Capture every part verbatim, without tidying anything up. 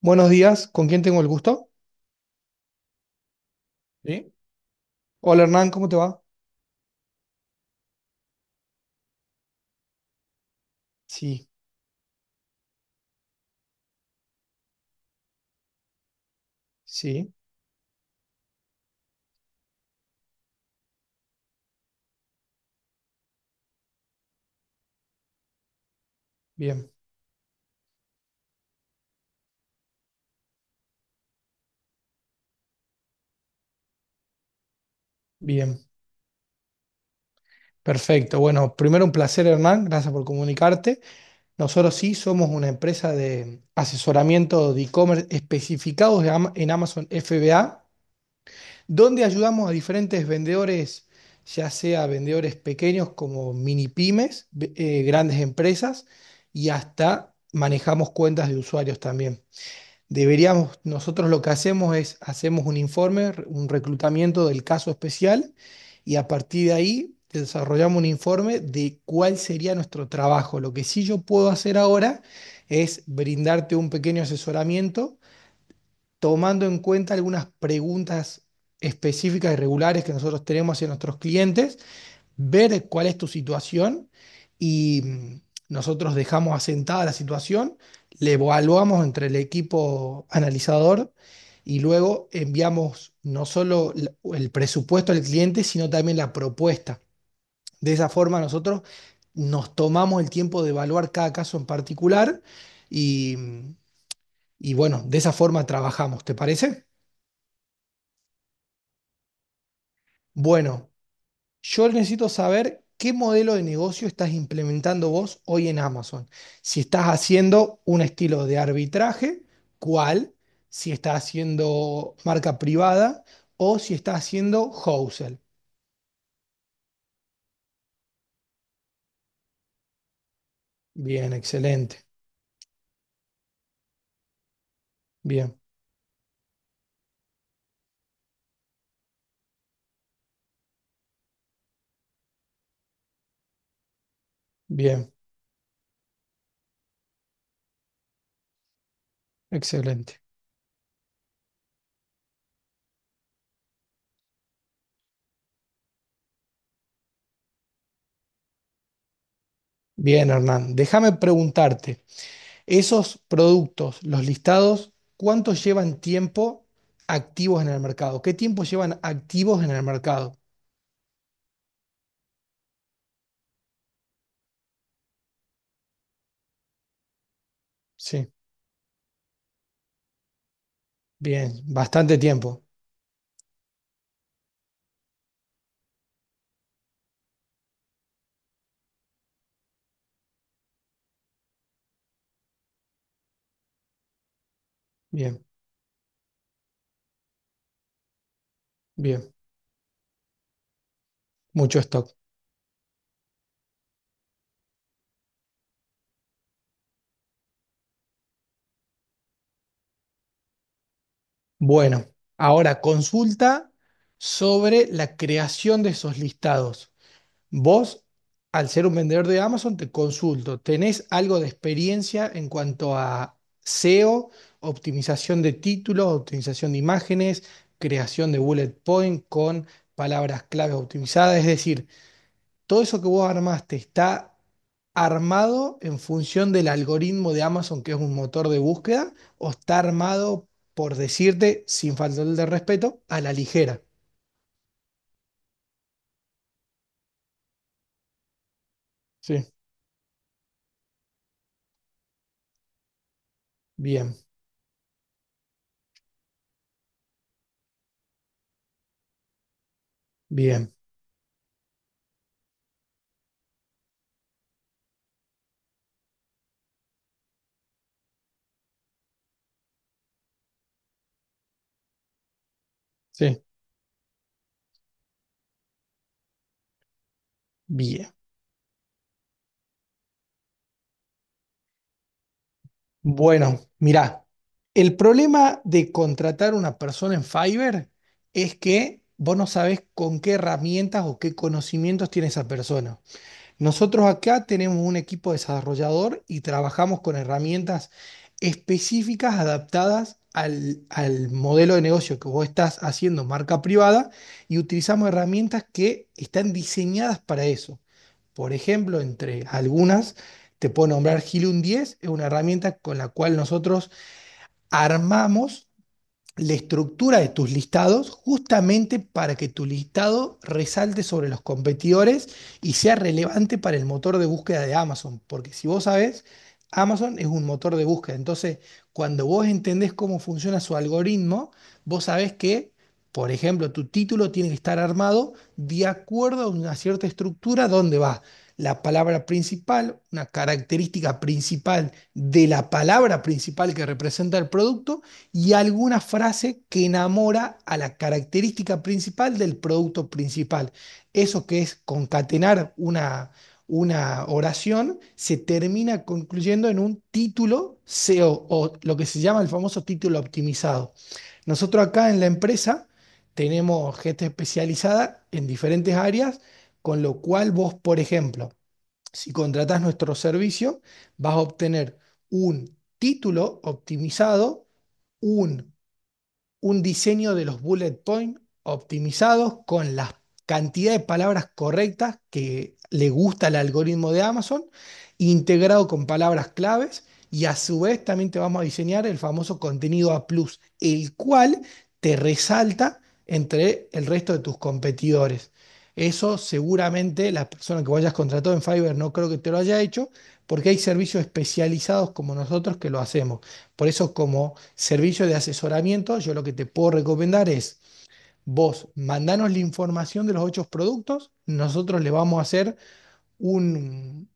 Buenos días, ¿con quién tengo el gusto? ¿Sí? Hola Hernán, ¿cómo te va? Sí, sí, bien, bien, perfecto. Bueno, primero un placer Hernán, gracias por comunicarte. Nosotros sí somos una empresa de asesoramiento de e-commerce especificados de Ama- en Amazon F B A, donde ayudamos a diferentes vendedores, ya sea vendedores pequeños como mini pymes, ve- eh, grandes empresas y hasta manejamos cuentas de usuarios también. Deberíamos, nosotros lo que hacemos es, hacemos un informe, re- un reclutamiento del caso especial y a partir de ahí desarrollamos un informe de cuál sería nuestro trabajo. Lo que sí yo puedo hacer ahora es brindarte un pequeño asesoramiento tomando en cuenta algunas preguntas específicas y regulares que nosotros tenemos hacia nuestros clientes, ver cuál es tu situación, y mm, nosotros dejamos asentada la situación, le evaluamos entre el equipo analizador y luego enviamos no solo la- el presupuesto al cliente, sino también la propuesta. De esa forma nosotros nos tomamos el tiempo de evaluar cada caso en particular y, mm, y bueno, de esa forma trabajamos, ¿te parece? Bueno, yo necesito saber qué modelo de negocio estás implementando vos hoy en Amazon. Si estás haciendo un estilo de arbitraje, ¿cuál? Si estás haciendo marca privada o si estás haciendo wholesale. Bien, excelente. Bien, bien, excelente. Bien, Hernán, déjame preguntarte, esos productos, los listados, ¿cuánto llevan tiempo activos en el mercado? ¿Qué tiempo llevan activos en el mercado? Sí, bien, bastante tiempo. Bien, bien, mucho stock. Bueno, ahora consulta sobre la creación de esos listados. Vos, al ser un vendedor de Amazon, te consulto, ¿tenés algo de experiencia en cuanto a S E O, optimización de títulos, optimización de imágenes, creación de bullet point con palabras clave optimizadas? Es decir, todo eso que vos armaste está armado en función del algoritmo de Amazon, que es un motor de búsqueda, o está armado, por decirte, sin faltarle de respeto, a la ligera. Sí, bien, bien, sí, bien. Bueno, mirá, el problema de contratar una persona en Fiverr es que vos no sabés con qué herramientas o qué conocimientos tiene esa persona. Nosotros acá tenemos un equipo desarrollador y trabajamos con herramientas específicas adaptadas al, al modelo de negocio que vos estás haciendo, marca privada, y utilizamos herramientas que están diseñadas para eso. Por ejemplo, entre algunas, te puedo nombrar Gilun diez, es una herramienta con la cual nosotros armamos la estructura de tus listados justamente para que tu listado resalte sobre los competidores y sea relevante para el motor de búsqueda de Amazon. Porque si vos sabés, Amazon es un motor de búsqueda. Entonces, cuando vos entendés cómo funciona su algoritmo, vos sabés que, por ejemplo, tu título tiene que estar armado de acuerdo a una cierta estructura donde va la palabra principal, una característica principal de la palabra principal que representa el producto y alguna frase que enamora a la característica principal del producto principal. Eso, que es concatenar una, una oración, se termina concluyendo en un título SEO, o o lo que se llama el famoso título optimizado. Nosotros acá en la empresa tenemos gente especializada en diferentes áreas, con lo cual vos, por ejemplo, si contratás nuestro servicio, vas a obtener un título optimizado, un un diseño de los bullet points optimizados con la cantidad de palabras correctas que le gusta al algoritmo de Amazon, integrado con palabras claves, y a su vez también te vamos a diseñar el famoso contenido A plus, el cual te resalta entre el resto de tus competidores. Eso seguramente la persona que vayas contratado en Fiverr no creo que te lo haya hecho, porque hay servicios especializados como nosotros que lo hacemos. Por eso, como servicio de asesoramiento, yo lo que te puedo recomendar es, vos mandanos la información de los ocho productos, nosotros le vamos a hacer un,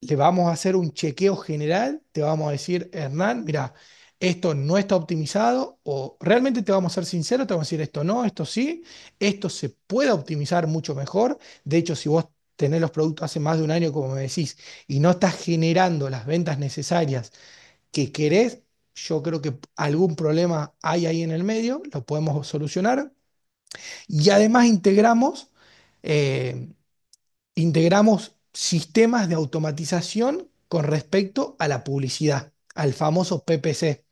le vamos a hacer un chequeo general, te vamos a decir, Hernán, mira, esto no está optimizado, o realmente te vamos a ser sinceros, te vamos a decir, esto no, esto sí, esto se puede optimizar mucho mejor. De hecho, si vos tenés los productos hace más de un año, como me decís, y no estás generando las ventas necesarias que querés. Yo creo que algún problema hay ahí en el medio, lo podemos solucionar. Y además integramos, eh, integramos sistemas de automatización con respecto a la publicidad, al famoso P P C.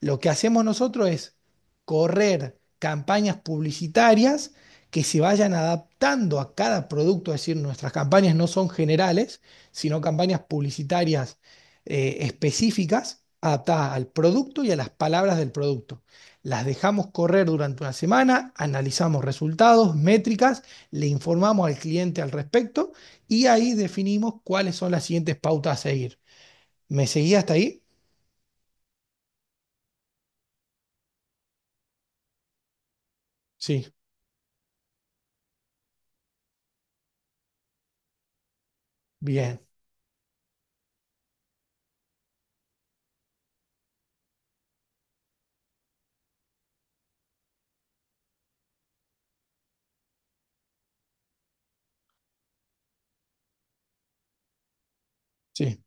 Lo que hacemos nosotros es correr campañas publicitarias que se vayan adaptando a cada producto, es decir, nuestras campañas no son generales, sino campañas publicitarias eh, específicas adaptadas al producto y a las palabras del producto. Las dejamos correr durante una semana, analizamos resultados, métricas, le informamos al cliente al respecto y ahí definimos cuáles son las siguientes pautas a seguir. ¿Me seguía hasta ahí? Sí, bien, sí.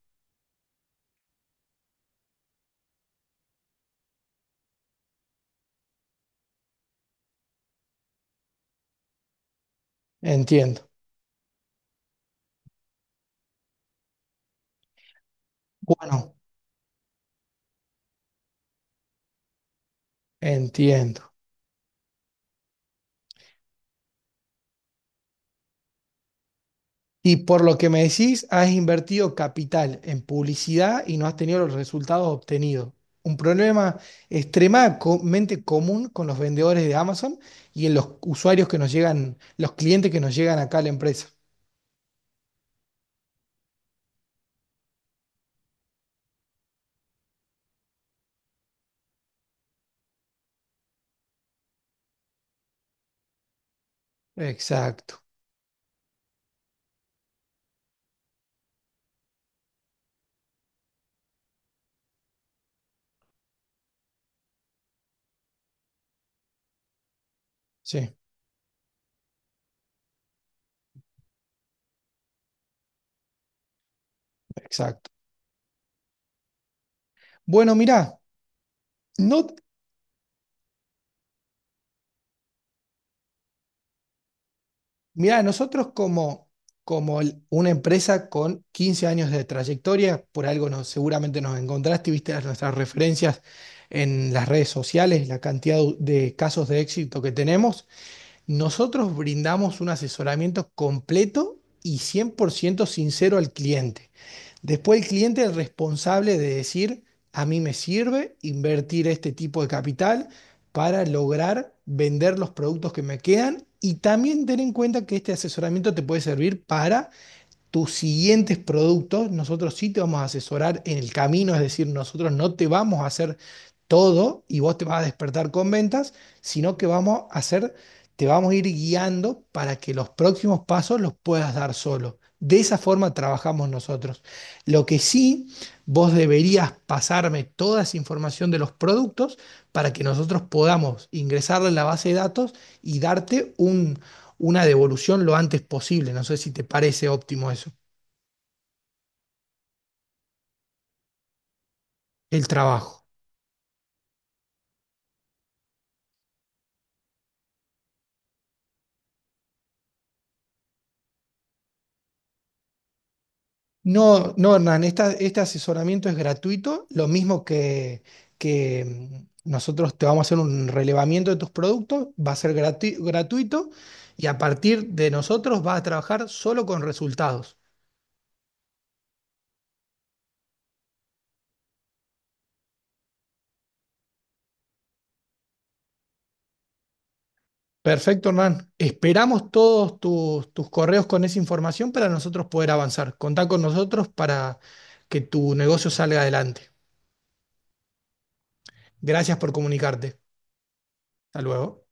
Entiendo. Bueno, entiendo. Y por lo que me decís, has invertido capital en publicidad y no has tenido los resultados obtenidos. Un problema extremadamente común con los vendedores de Amazon y en los usuarios que nos llegan, los clientes que nos llegan acá a la empresa. Exacto, sí, exacto. Bueno, mirá, no, mira, nosotros como, como el- una empresa con quince años de trayectoria, por algo nos, seguramente nos encontraste, y viste las- nuestras referencias en las redes sociales, la cantidad de de casos de éxito que tenemos, nosotros brindamos un asesoramiento completo y cien por ciento sincero al cliente. Después el cliente es el responsable de decir, a mí me sirve invertir este tipo de capital para lograr vender los productos que me quedan, y también ten en cuenta que este asesoramiento te puede servir para tus siguientes productos. Nosotros sí te vamos a asesorar en el camino, es decir, nosotros no te vamos a hacer todo y vos te vas a despertar con ventas, sino que vamos a hacer, te vamos a ir guiando para que los próximos pasos los puedas dar solo. De esa forma trabajamos nosotros. Lo que sí, vos deberías pasarme toda esa información de los productos para que nosotros podamos ingresarla en la base de datos y darte un, una devolución lo antes posible. No sé si te parece óptimo eso. El trabajo. No, no, Hernán, esta- este asesoramiento es gratuito, lo mismo que, que mm, nosotros te vamos a hacer un relevamiento de tus productos, va a ser grati- gratuito, y a partir de nosotros vas a trabajar solo con resultados. Perfecto, Hernán. Esperamos todos tus, tus correos con esa información para nosotros poder avanzar. Contá con nosotros para que tu negocio salga adelante. Gracias por comunicarte. Hasta luego.